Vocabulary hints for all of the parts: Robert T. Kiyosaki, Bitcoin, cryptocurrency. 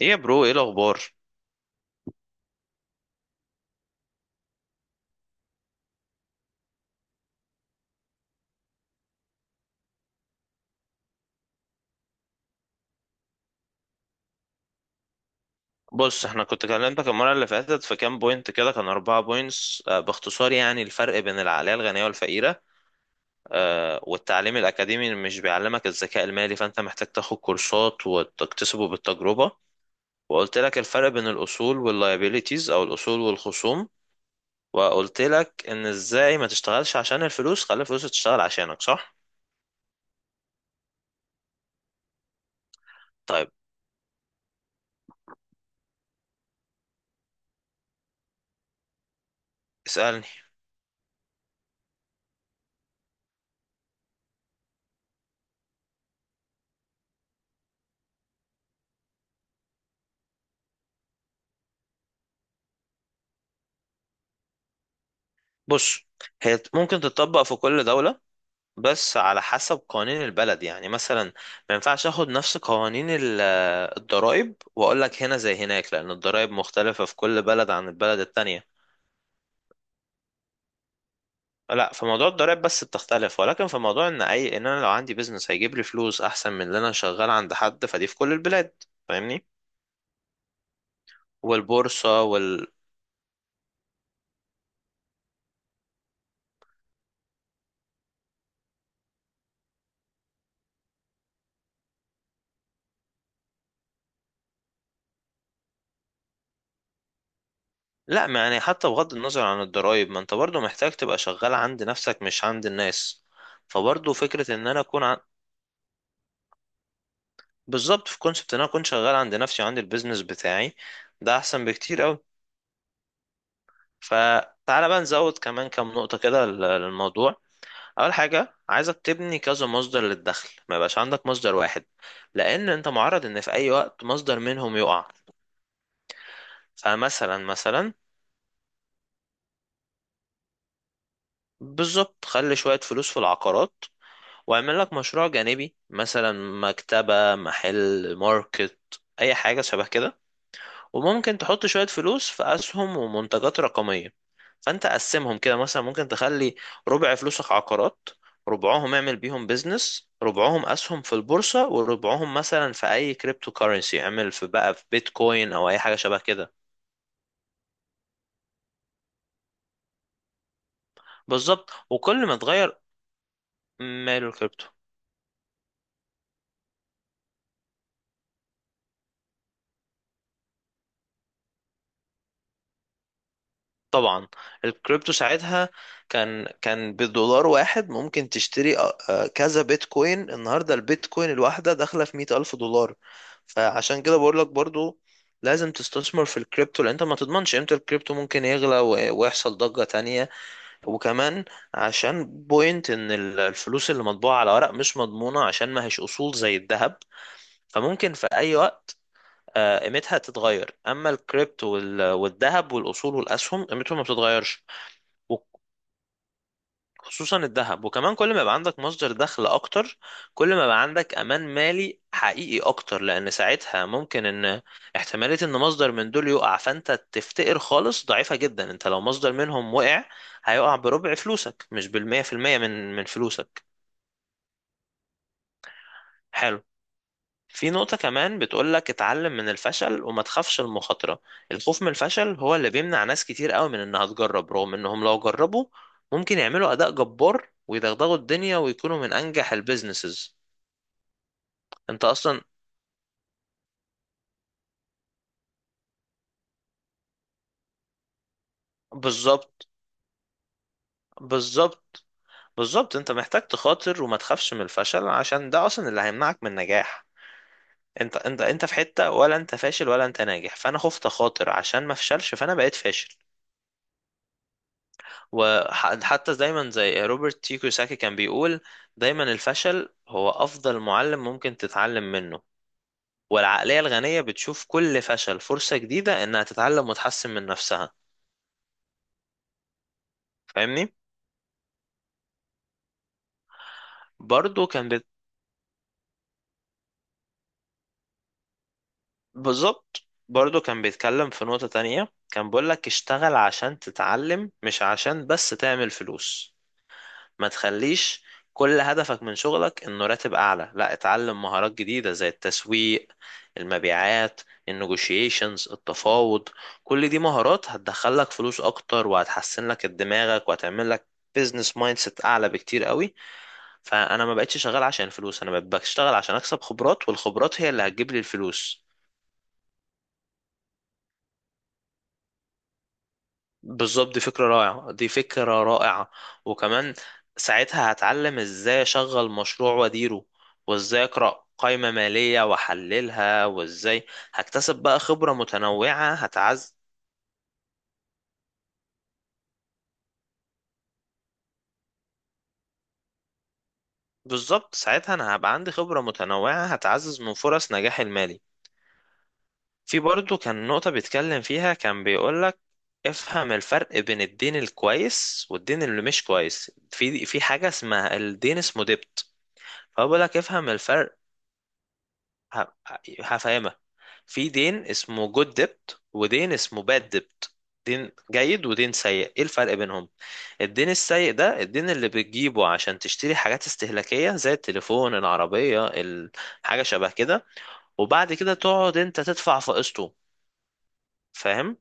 ايه يا برو، ايه الاخبار؟ بص، احنا كنت كلمتك المره اللي فاتت في كام بوينت كده، كان 4 بوينتس، باختصار يعني الفرق بين العقليه الغنيه والفقيره، والتعليم الاكاديمي اللي مش بيعلمك الذكاء المالي، فانت محتاج تاخد كورسات وتكتسبه بالتجربه. وقلت لك الفرق بين الاصول واللايبيليتيز او الاصول والخصوم. وقلت لك ان ازاي ما تشتغلش عشان الفلوس، خلي الفلوس تشتغل عشانك، صح؟ طيب، اسالني. بص، هي ممكن تتطبق في كل دوله، بس على حسب قوانين البلد. يعني مثلا ما ينفعش اخد نفس قوانين الضرائب واقول لك هنا زي هناك، لان الضرائب مختلفة في كل بلد عن البلد التانية. لا، في موضوع الضرائب بس بتختلف، ولكن في موضوع ان اي ان انا لو عندي بيزنس هيجيب لي فلوس احسن من اللي انا شغال عند حد، فدي في كل البلاد. فاهمني؟ والبورصة وال... لا، ما يعني حتى بغض النظر عن الضرائب، ما انت برضو محتاج تبقى شغال عند نفسك مش عند الناس. فبرضو فكرة ان انا اكون، بالظبط في كونسبت ان انا اكون شغال عند نفسي وعندي البيزنس بتاعي، ده احسن بكتير قوي. فتعالى بقى نزود كمان كام نقطة كده لل- للموضوع. اول حاجة عايزك تبني كذا مصدر للدخل، ما يبقاش عندك مصدر واحد، لان انت معرض ان في اي وقت مصدر منهم يقع. فمثلا، بالظبط، خلي شوية فلوس في العقارات، واعمل لك مشروع جانبي، مثلا مكتبة، محل، ماركت، اي حاجة شبه كده. وممكن تحط شوية فلوس في أسهم ومنتجات رقمية. فأنت قسمهم كده، مثلا ممكن تخلي ربع فلوسك عقارات، ربعهم اعمل بيهم بيزنس، ربعهم أسهم في البورصة، وربعهم مثلا في أي كريبتو كارنسي اعمل في بقى في بيتكوين أو أي حاجة شبه كده. بالظبط، وكل ما تغير. ماله الكريبتو؟ طبعا، الكريبتو ساعتها كان بدولار واحد ممكن تشتري كذا بيتكوين. النهارده البيتكوين الواحده داخله في 100 ألف دولار. فعشان كده بقول لك برضو لازم تستثمر في الكريبتو، لان انت ما تضمنش امتى الكريبتو ممكن يغلى ويحصل ضجة تانية. وكمان عشان بوينت ان الفلوس اللي مطبوعة على ورق مش مضمونة، عشان ما هيش اصول زي الذهب. فممكن في اي وقت قيمتها تتغير، اما الكريبتو والذهب والاصول والاسهم قيمتهم ما بتتغيرش. خصوصا الذهب. وكمان كل ما يبقى عندك مصدر دخل اكتر، كل ما يبقى عندك امان مالي حقيقي اكتر، لان ساعتها ممكن ان احتمالية ان مصدر من دول يقع فانت تفتقر خالص ضعيفة جدا. انت لو مصدر منهم وقع، هيقع بربع فلوسك، مش بالمية في المية من فلوسك. حلو. في نقطة كمان بتقولك اتعلم من الفشل وما تخافش المخاطرة. الخوف من الفشل هو اللي بيمنع ناس كتير قوي من انها تجرب، رغم انهم لو جربوا ممكن يعملوا اداء جبار ويدغدغوا الدنيا ويكونوا من انجح البيزنسز. انت اصلا، بالظبط. بالظبط، بالظبط، انت محتاج تخاطر وما تخافش من الفشل، عشان ده اصلا اللي هيمنعك من النجاح. انت في حتة ولا انت فاشل ولا انت ناجح، فانا خفت اخاطر عشان ما افشلش، فانا بقيت فاشل. وحتى دايما زي روبرت تي كيوساكي كان بيقول، دايما الفشل هو أفضل معلم ممكن تتعلم منه. والعقلية الغنية بتشوف كل فشل فرصة جديدة إنها تتعلم وتحسن من نفسها. فاهمني؟ برضو كان بالظبط. برضو كان بيتكلم في نقطة تانية، كان بيقول لك اشتغل عشان تتعلم، مش عشان بس تعمل فلوس. ما تخليش كل هدفك من شغلك انه راتب اعلى. لا، اتعلم مهارات جديدة زي التسويق، المبيعات، النيجوشيشنز، التفاوض. كل دي مهارات هتدخلك فلوس اكتر، وهتحسن لك دماغك، وهتعمل لك بيزنس مايند سيت اعلى بكتير قوي. فانا ما بقتش شغال عشان الفلوس، انا بقيت بشتغل عشان اكسب خبرات، والخبرات هي اللي هتجيب لي الفلوس. بالظبط، دي فكرة رائعة، دي فكرة رائعة. وكمان ساعتها هتعلم ازاي اشغل مشروع واديره، وازاي اقرأ قائمة مالية واحللها، وازاي هكتسب بقى خبرة متنوعة هتعز. بالظبط، ساعتها انا هبقى عندي خبرة متنوعة هتعزز من فرص نجاحي المالي. في برضه كان نقطة بيتكلم فيها كان بيقولك افهم الفرق بين الدين الكويس والدين اللي مش كويس. في حاجة اسمها الدين، اسمه ديبت، فبقول لك افهم الفرق. ه- هفهمها. في دين اسمه جود ديبت ودين اسمه باد ديبت. دين جيد ودين سيء، ايه الفرق بينهم؟ الدين السيء ده الدين اللي بتجيبه عشان تشتري حاجات استهلاكية زي التليفون، العربية، حاجة شبه كده. وبعد كده تقعد انت تدفع في قسطه. فاهم؟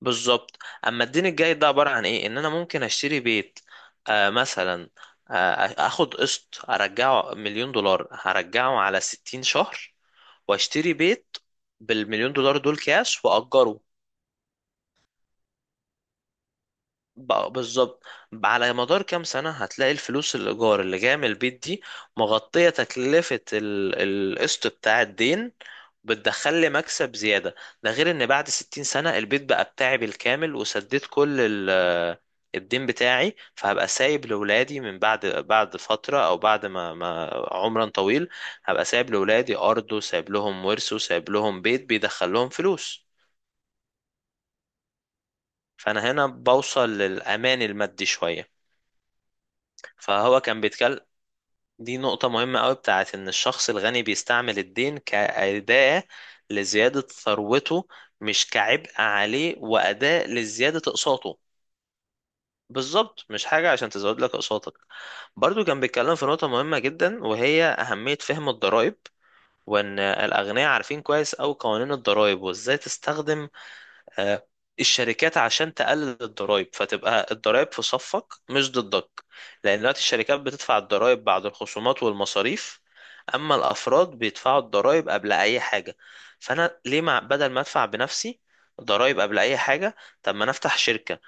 بالظبط. اما الدين الجاي ده عباره عن ايه؟ ان انا ممكن اشتري بيت مثلا، آه اخد قسط ارجعه مليون دولار، هرجعه على 60 شهر، واشتري بيت بالمليون دولار دول كاش، واجره. بالظبط، على مدار كام سنة هتلاقي الفلوس الإيجار اللي جاية من البيت دي مغطية تكلفة القسط بتاع الدين، بتدخل لي مكسب زيادة. ده غير إن بعد 60 سنة البيت بقى بتاعي بالكامل، وسديت كل الدين بتاعي، فهبقى سايب لأولادي من بعد فترة، أو بعد ما عمرا طويل، هبقى سايب لأولادي أرض، وسايب لهم ورث، وسايب لهم بيت بيدخل لهم فلوس. فأنا هنا بوصل للأمان المادي شوية. فهو كان بيتكلم، دي نقطة مهمة قوي، بتاعت إن الشخص الغني بيستعمل الدين كأداة لزيادة ثروته، مش كعبء عليه وأداة لزيادة أقساطه. بالظبط، مش حاجة عشان تزود لك أقساطك. برضو كان بيتكلم في نقطة مهمة جدا، وهي أهمية فهم الضرائب، وإن الأغنياء عارفين كويس أوي قوانين الضرائب، وإزاي تستخدم آه، الشركات عشان تقلل الضرائب، فتبقى الضرائب في صفك مش ضدك. لان دلوقتي الشركات بتدفع الضرائب بعد الخصومات والمصاريف، اما الافراد بيدفعوا الضرائب قبل اي حاجه. فانا ليه، ما بدل ما ادفع بنفسي ضرائب قبل اي حاجه، طب ما انا افتح شركه،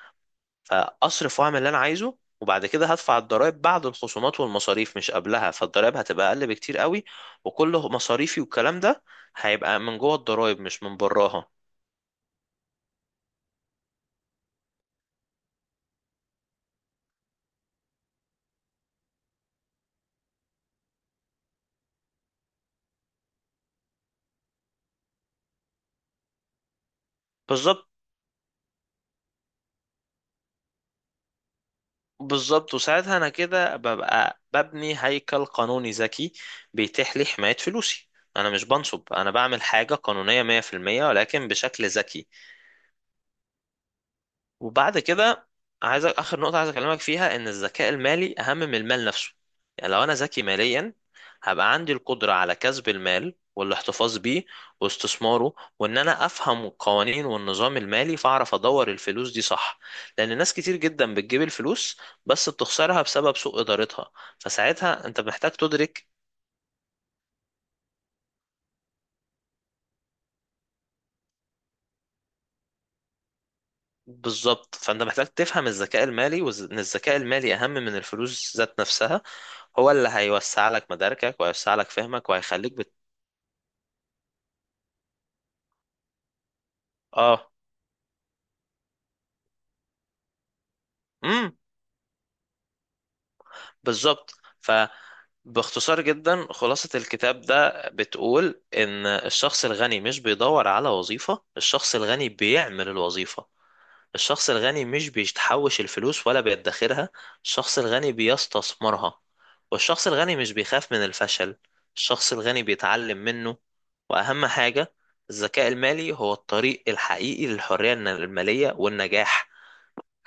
فاصرف واعمل اللي انا عايزه، وبعد كده هدفع الضرائب بعد الخصومات والمصاريف مش قبلها، فالضرائب هتبقى اقل بكتير قوي. وكل مصاريفي والكلام ده هيبقى من جوه الضرائب مش من براها. بالظبط، بالظبط، وساعتها انا كده ببقى ببني هيكل قانوني ذكي بيتيح لي حماية فلوسي. انا مش بنصب، انا بعمل حاجة قانونية 100%، ولكن بشكل ذكي. وبعد كده، عايز اخر نقطه عايز اكلمك فيها، ان الذكاء المالي اهم من المال نفسه. يعني لو انا ذكي ماليا، هبقى عندي القدره على كسب المال والاحتفاظ بيه واستثماره، وان انا افهم القوانين والنظام المالي، فاعرف ادور الفلوس دي صح. لان ناس كتير جدا بتجيب الفلوس، بس بتخسرها بسبب سوء ادارتها. فساعتها انت محتاج تدرك، بالظبط. فانت محتاج تفهم الذكاء المالي، وان الذكاء المالي اهم من الفلوس ذات نفسها. هو اللي هيوسع لك مداركك وهيوسع لك فهمك وهيخليك اه. امم، بالظبط. فباختصار جدا، خلاصة الكتاب ده بتقول ان الشخص الغني مش بيدور على وظيفة، الشخص الغني بيعمل الوظيفة. الشخص الغني مش بيتحوش الفلوس ولا بيدخرها، الشخص الغني بيستثمرها. والشخص الغني مش بيخاف من الفشل، الشخص الغني بيتعلم منه. وأهم حاجة الذكاء المالي، هو الطريق الحقيقي للحرية المالية والنجاح.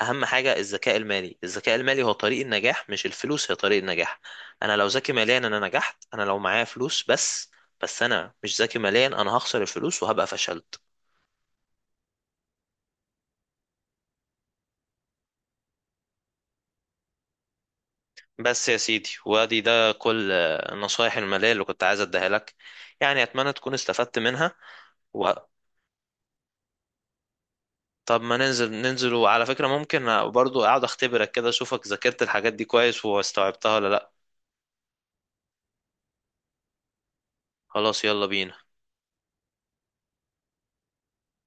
أهم حاجة الذكاء المالي، الذكاء المالي هو طريق النجاح، مش الفلوس هي طريق النجاح. أنا لو ذكي ماليا، أنا نجحت. أنا لو معايا فلوس بس، بس أنا مش ذكي ماليا، أنا هخسر الفلوس وهبقى فشلت. بس يا سيدي، وادي ده كل النصايح المالية اللي كنت عايز اديها لك. يعني اتمنى تكون استفدت منها. و... طب ما ننزل ننزل، وعلى فكرة ممكن برضو اقعد اختبرك كده، اشوفك ذاكرت الحاجات دي كويس واستوعبتها ولا لا. خلاص، يلا بينا.